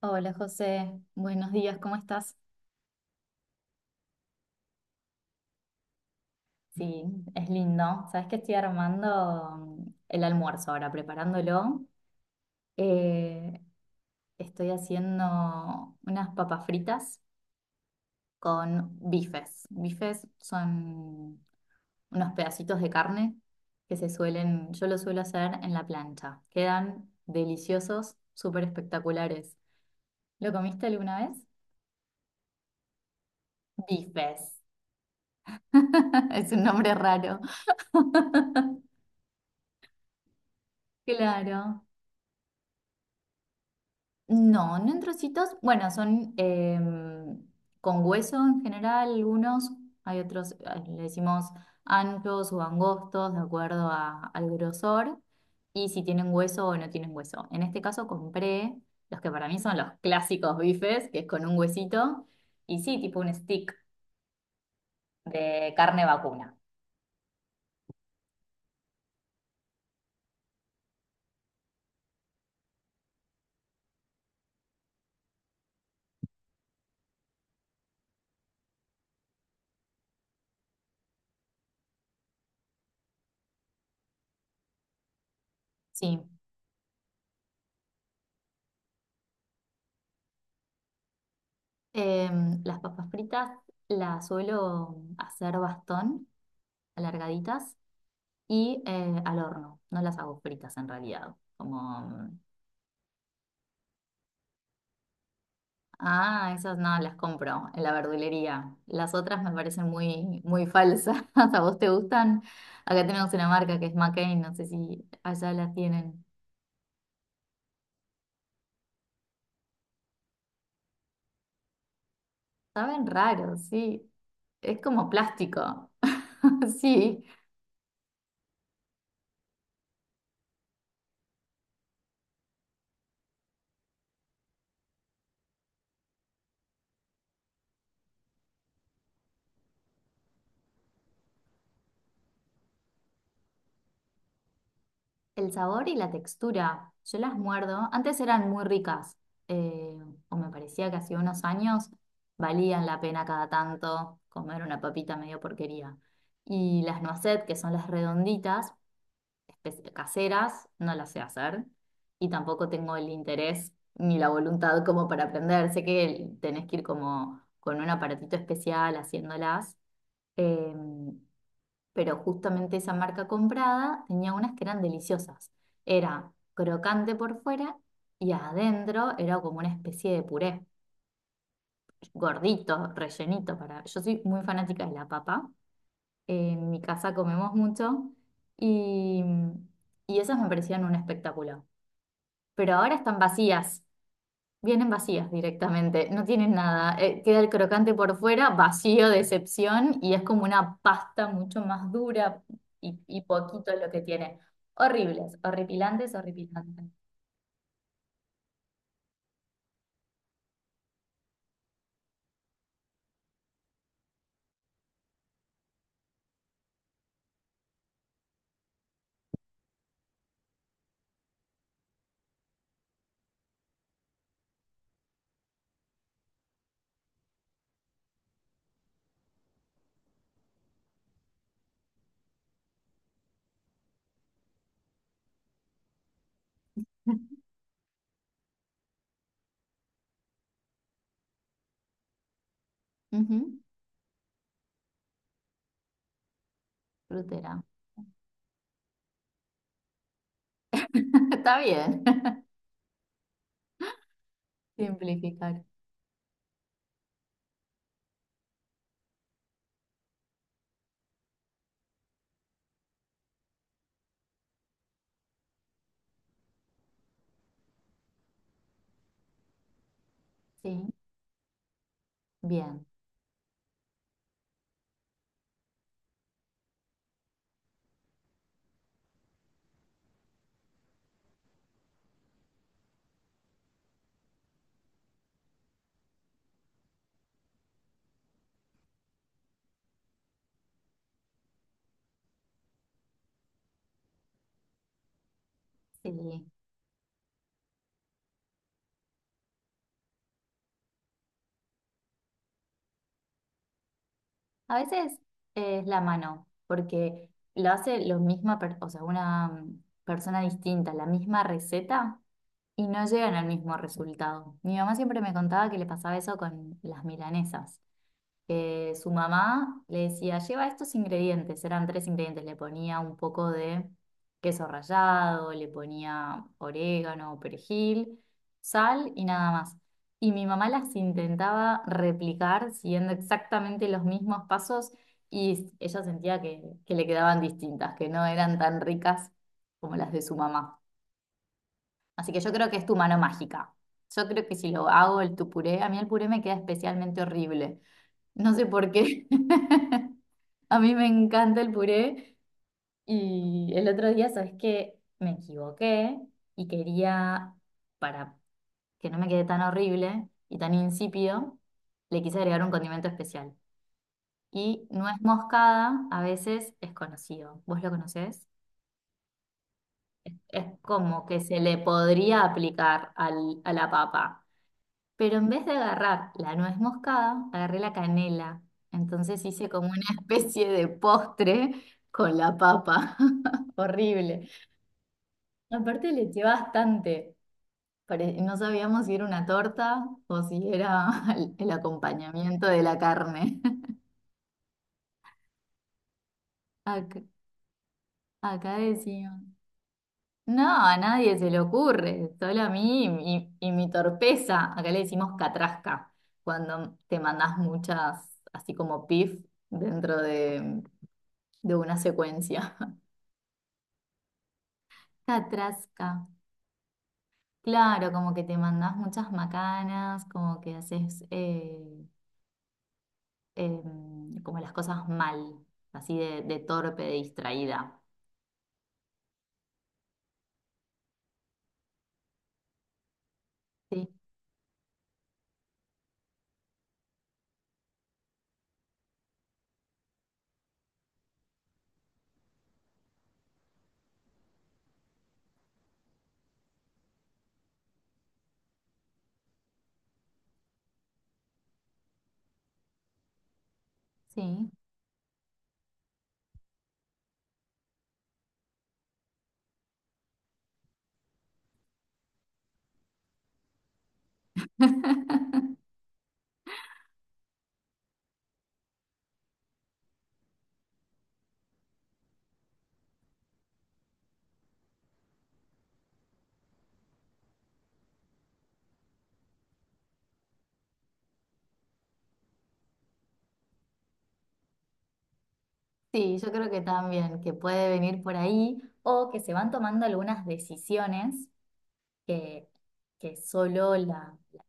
Hola José, buenos días, ¿cómo estás? Sí, es lindo. Sabes que estoy armando el almuerzo ahora, preparándolo. Eh, estoy haciendo unas papas fritas con bifes. Bifes son unos pedacitos de carne yo lo suelo hacer en la plancha. Quedan deliciosos, súper espectaculares. ¿Lo comiste alguna vez? Bifes. Es un nombre raro. Claro. No, no en trocitos. Bueno, son con hueso en general algunos. Hay otros, ah, le decimos anchos o angostos, de acuerdo al grosor. Y si tienen hueso o no tienen hueso. En este caso compré los que para mí son los clásicos bifes, que es con un huesito. Y sí, tipo un stick de carne vacuna. Sí. Las papas fritas las suelo hacer bastón, alargaditas. Y al horno. No las hago fritas en realidad. Como, esas no, las compro en la verdulería. Las otras me parecen muy, muy falsas. ¿A vos te gustan? Acá tenemos una marca que es McCain, no sé si allá las tienen. Saben raros, sí. Es como plástico. Sí. El sabor y la textura, yo las muerdo. Antes eran muy ricas, eh, o me parecía que hace unos años valían la pena cada tanto comer una papita medio porquería. Y las noisette, que son las redonditas, caseras, no las sé hacer. Y tampoco tengo el interés ni la voluntad como para aprender. Sé que tenés que ir como con un aparatito especial haciéndolas. Em, pero justamente esa marca comprada tenía unas que eran deliciosas. Era crocante por fuera y adentro era como una especie de puré, gordito, rellenito para... Yo soy muy fanática de la papa, en mi casa comemos mucho y, y esas me parecían un espectáculo. Pero ahora están vacías. Vienen vacías directamente, no tienen nada. Queda el crocante por fuera, vacío de excepción, y es como una pasta mucho más dura y poquito lo que tiene. Horribles, horripilantes, horripilantes. Ujú. Frutera. Está bien. Simplificar. Sí, bien. Sí. A veces es la mano, porque lo hace lo misma, o sea, una persona distinta, la misma receta y no llegan al mismo resultado. Mi mamá siempre me contaba que le pasaba eso con las milanesas, que su mamá le decía, lleva estos ingredientes, eran tres ingredientes, le ponía un poco de queso rallado, le ponía orégano, perejil, sal y nada más. Y mi mamá las intentaba replicar siguiendo exactamente los mismos pasos y ella sentía que le quedaban distintas, que no eran tan ricas como las de su mamá. Así que yo creo que es tu mano mágica. Yo creo que si lo hago el tu puré, a mí el puré me queda especialmente horrible. No sé por qué. A mí me encanta el puré y el otro día, ¿sabes qué? Me equivoqué y quería, para que no me quede tan horrible y tan insípido, le quise agregar un condimento especial. Y nuez moscada a veces es conocido. ¿Vos lo conocés? Es como que se le podría aplicar a la papa. Pero en vez de agarrar la nuez moscada, agarré la canela. Entonces hice como una especie de postre con la papa. Horrible. Aparte le eché bastante. No sabíamos si era una torta o si era el acompañamiento de la carne. Acá, acá decimos. No, a nadie se le ocurre, solo a mí y mi torpeza. Acá le decimos catrasca, cuando te mandás muchas, así como pif, dentro de una secuencia. Catrasca. Claro, como que te mandás muchas macanas, como que haces como las cosas mal, así de torpe, de distraída. Sí, sí. Sí, yo creo que también, que puede venir por ahí o que se van tomando algunas decisiones que, que solo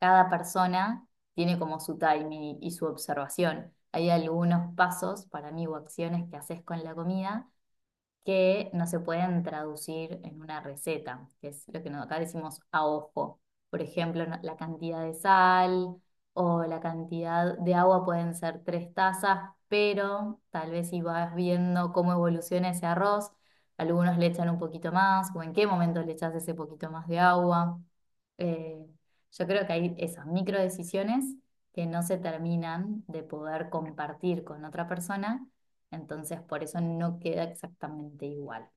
cada persona tiene como su timing y su observación. Hay algunos pasos para mí o acciones que haces con la comida que no se pueden traducir en una receta, que es lo que acá decimos a ojo. Por ejemplo, la cantidad de sal o la cantidad de agua pueden ser tres tazas, pero tal vez si vas viendo cómo evoluciona ese arroz, algunos le echan un poquito más o en qué momento le echas ese poquito más de agua. Eh, yo creo que hay esas micro decisiones que no se terminan de poder compartir con otra persona entonces, por eso no queda exactamente igual.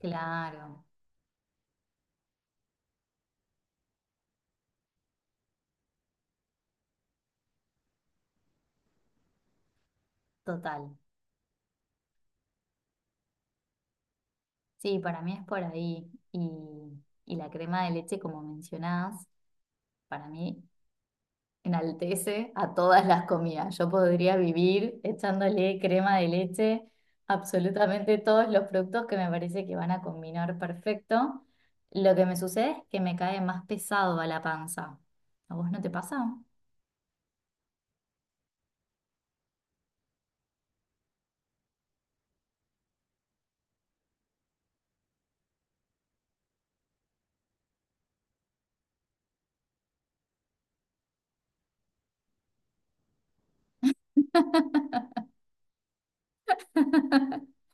Claro, total. Sí, para mí es por ahí. Y la crema de leche, como mencionás, para mí enaltece a todas las comidas. Yo podría vivir echándole crema de leche a absolutamente todos los productos que me parece que van a combinar perfecto. Lo que me sucede es que me cae más pesado a la panza. ¿A vos no te pasa?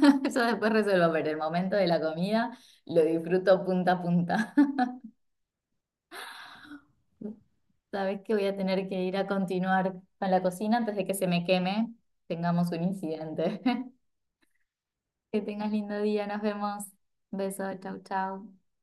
Eso después resuelvo, pero el momento de la comida lo disfruto punta a punta. Sabes que voy a tener que ir a continuar con la cocina antes de que se me queme, tengamos un incidente. Que tengas lindo día, nos vemos. Beso, chau, chau.